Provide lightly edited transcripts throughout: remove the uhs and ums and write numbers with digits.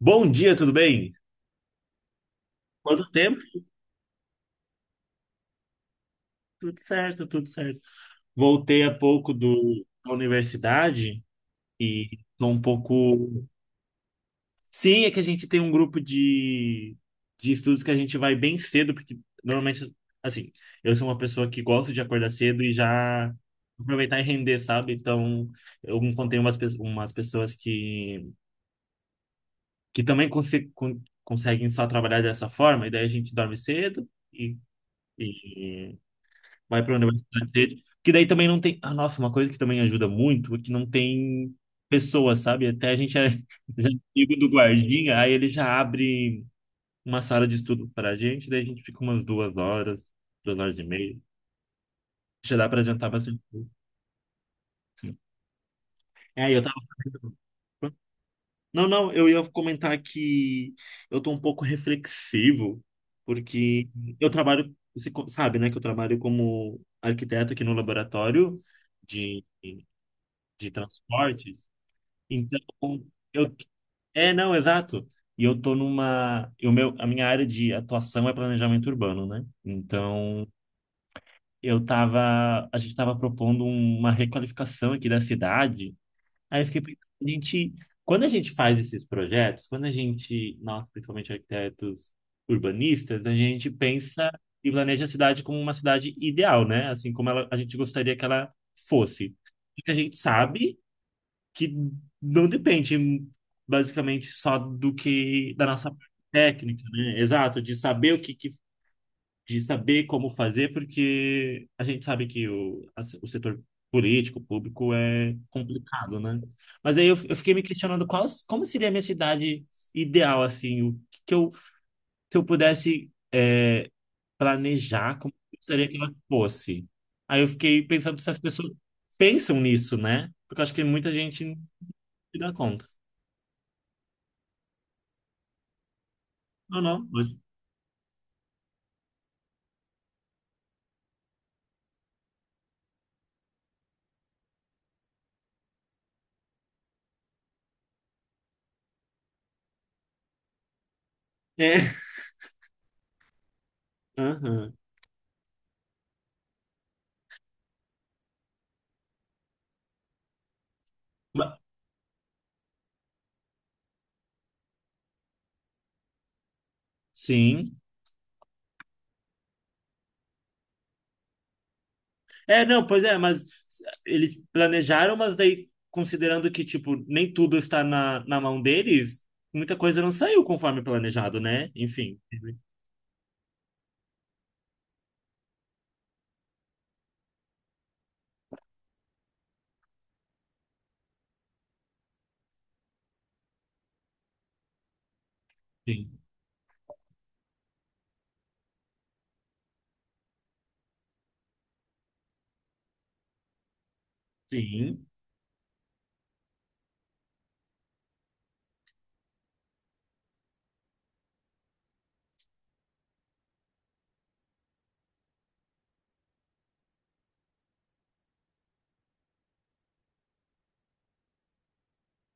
Bom dia, tudo bem? Quanto tempo? Tudo certo, tudo certo. Voltei há pouco da universidade e tô um pouco. Sim, é que a gente tem um grupo de estudos que a gente vai bem cedo, porque normalmente, assim, eu sou uma pessoa que gosta de acordar cedo e já aproveitar e render, sabe? Então, eu encontrei umas pessoas que também conseguem só trabalhar dessa forma, e daí a gente dorme cedo e. Vai para a universidade dele. Porque daí também não tem. Ah, nossa, uma coisa que também ajuda muito é que não tem pessoas, sabe? Até a gente já é amigo do guardinha, aí ele já abre uma sala de estudo para a gente, daí a gente fica umas 2 horas, 2 horas e meia. Já dá para adiantar bastante coisa. Sim. É, eu tava. Não, não, eu ia comentar que eu tô um pouco reflexivo, porque eu trabalho, você sabe, né, que eu trabalho como arquiteto aqui no laboratório de de transportes. Então, eu é, não, exato. E eu tô a minha área de atuação é planejamento urbano, né? Então, a gente tava propondo uma requalificação aqui da cidade. Aí eu fiquei pensando, quando a gente faz esses projetos, nós, principalmente arquitetos urbanistas, a gente pensa e planeja a cidade como uma cidade ideal, né? Assim como a gente gostaria que ela fosse. Porque a gente sabe que não depende basicamente só do que da nossa parte técnica, né? Exato, de saber o que, que- de saber como fazer, porque a gente sabe que o setor político, público é complicado, né? Mas aí eu fiquei me questionando como seria a minha cidade ideal, assim, o que, que eu, se eu pudesse planejar, como eu gostaria que ela fosse. Aí eu fiquei pensando se as pessoas pensam nisso, né? Porque eu acho que muita gente não se dá conta. Não, não. É. Aham. Ma- Sim. É, não, pois é, mas eles planejaram, mas daí, considerando que, tipo, nem tudo está na mão deles, muita coisa não saiu conforme planejado, né? Enfim. Sim. Sim.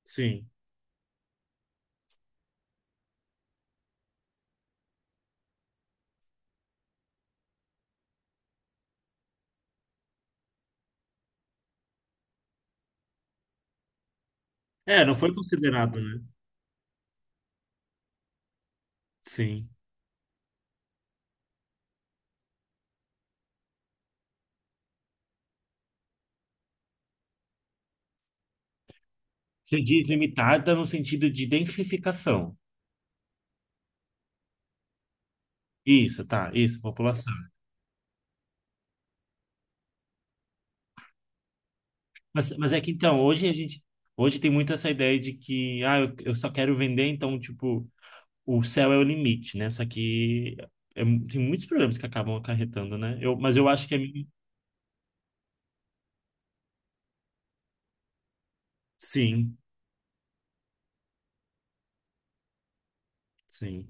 Sim. É, não foi considerado, né? Sim. Você diz limitada no sentido de densificação. Isso, tá, isso, população. Mas é que então, hoje a gente. Hoje tem muito essa ideia de que, ah, eu só quero vender, então, tipo, o céu é o limite, né? Só que tem muitos problemas que acabam acarretando, né? Mas eu acho que é. Sim, sim.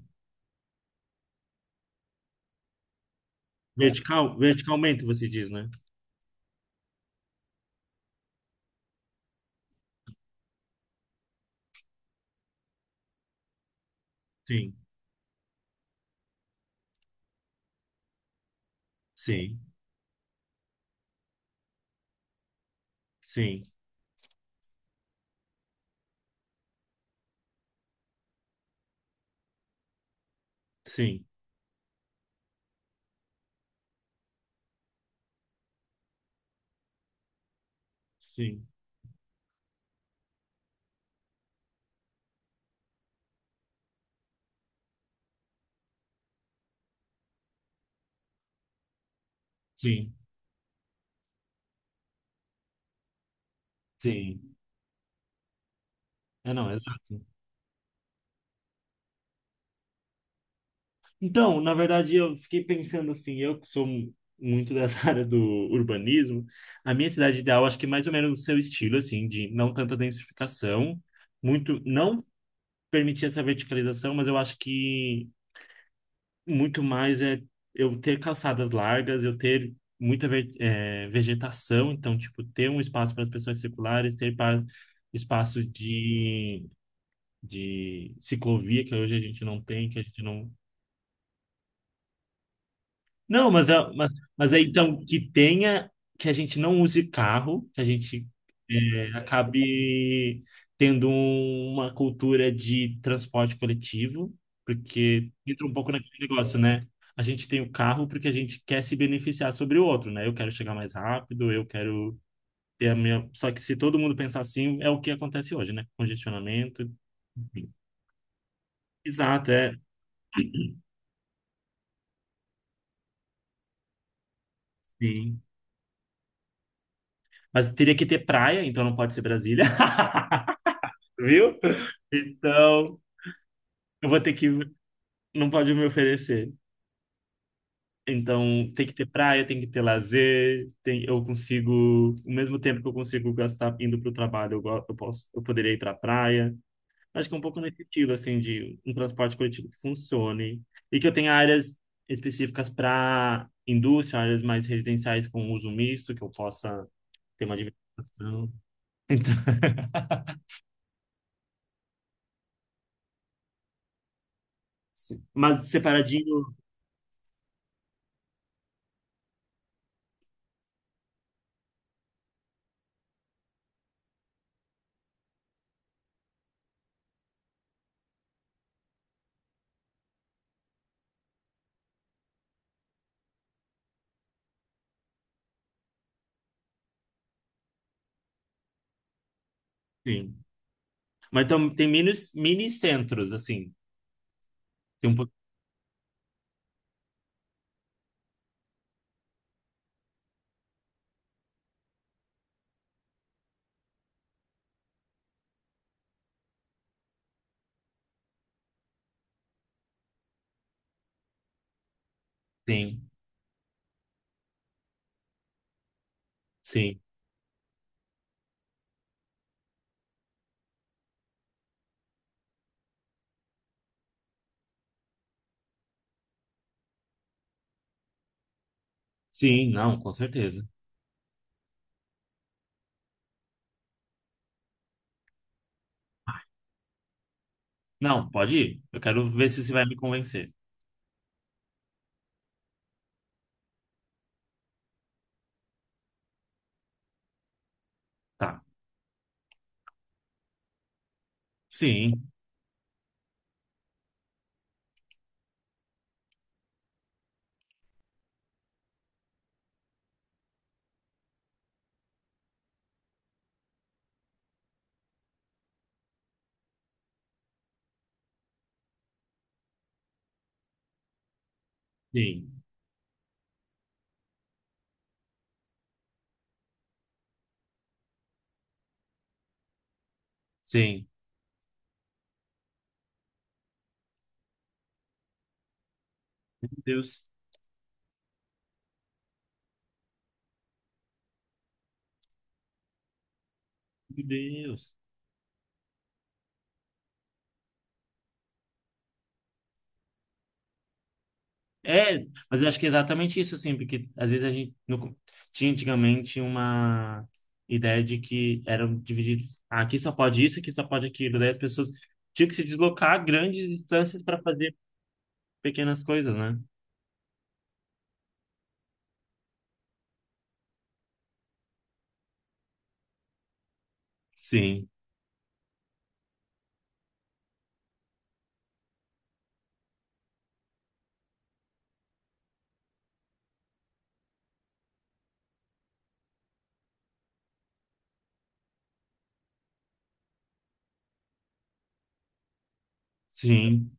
Verticalmente, você diz, né? Sim, sim, sim, sim, sim, sim, sim. É, não, exato. Então, na verdade, eu fiquei pensando assim, eu que sou muito dessa área do urbanismo, a minha cidade ideal, acho que é mais ou menos o seu estilo, assim, de não tanta densificação, muito, não permitir essa verticalização, mas eu acho que muito mais é eu ter calçadas largas, eu ter muita vegetação, então, tipo, ter um espaço para as pessoas circulares, ter espaço de ciclovia, que hoje a gente não tem, que a gente não. Não, mas é então que tenha, que a gente não use carro, que a gente acabe tendo uma cultura de transporte coletivo, porque entra um pouco naquele negócio, né? A gente tem o carro porque a gente quer se beneficiar sobre o outro, né? Eu quero chegar mais rápido, eu quero ter a minha. Só que se todo mundo pensar assim, é o que acontece hoje, né? Congestionamento, enfim. Exato, é. Sim. Mas teria que ter praia, então não pode ser Brasília. Viu? Então, eu vou ter que. Não pode me oferecer. Então, tem que ter praia, tem que ter lazer. Tem, eu consigo. O mesmo tempo que eu consigo gastar indo para o trabalho, eu, go- eu posso, eu poderia ir para a praia. Acho que é um pouco nesse estilo, assim, de um transporte coletivo que funcione. E que eu tenha áreas específicas para indústria, áreas mais residenciais com uso misto, que eu possa ter uma diversificação. Então, mas separadinho, sim. Mas tem mini centros, assim. Tem pouco tem, sim. Sim, não, com certeza. Não, pode ir. Eu quero ver se você vai me convencer. Tá. Sim, sim, sim. Meu Deus, meu Deus. É, mas eu acho que é exatamente isso, assim, porque às vezes a gente no co- tinha antigamente uma ideia de que eram divididos. Ah, aqui só pode isso, aqui só pode aquilo. Daí as pessoas tinham que se deslocar grandes distâncias para fazer pequenas coisas, né? Sim, sim,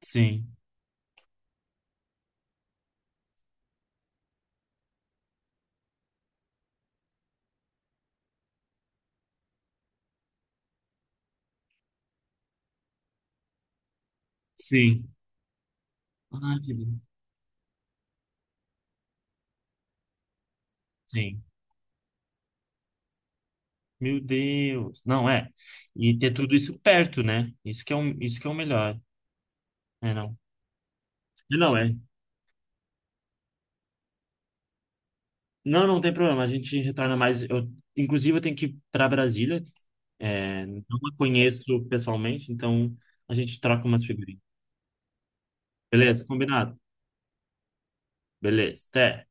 sim. Sim. Ah, que bom. Sim. Meu Deus. Não, é. E ter tudo isso perto, né? Isso que é o melhor. É, não. E não, é. Não, não tem problema. A gente retorna mais. Inclusive, eu tenho que ir para Brasília. É, não a conheço pessoalmente, então a gente troca umas figurinhas. Beleza? Combinado? Beleza. Até.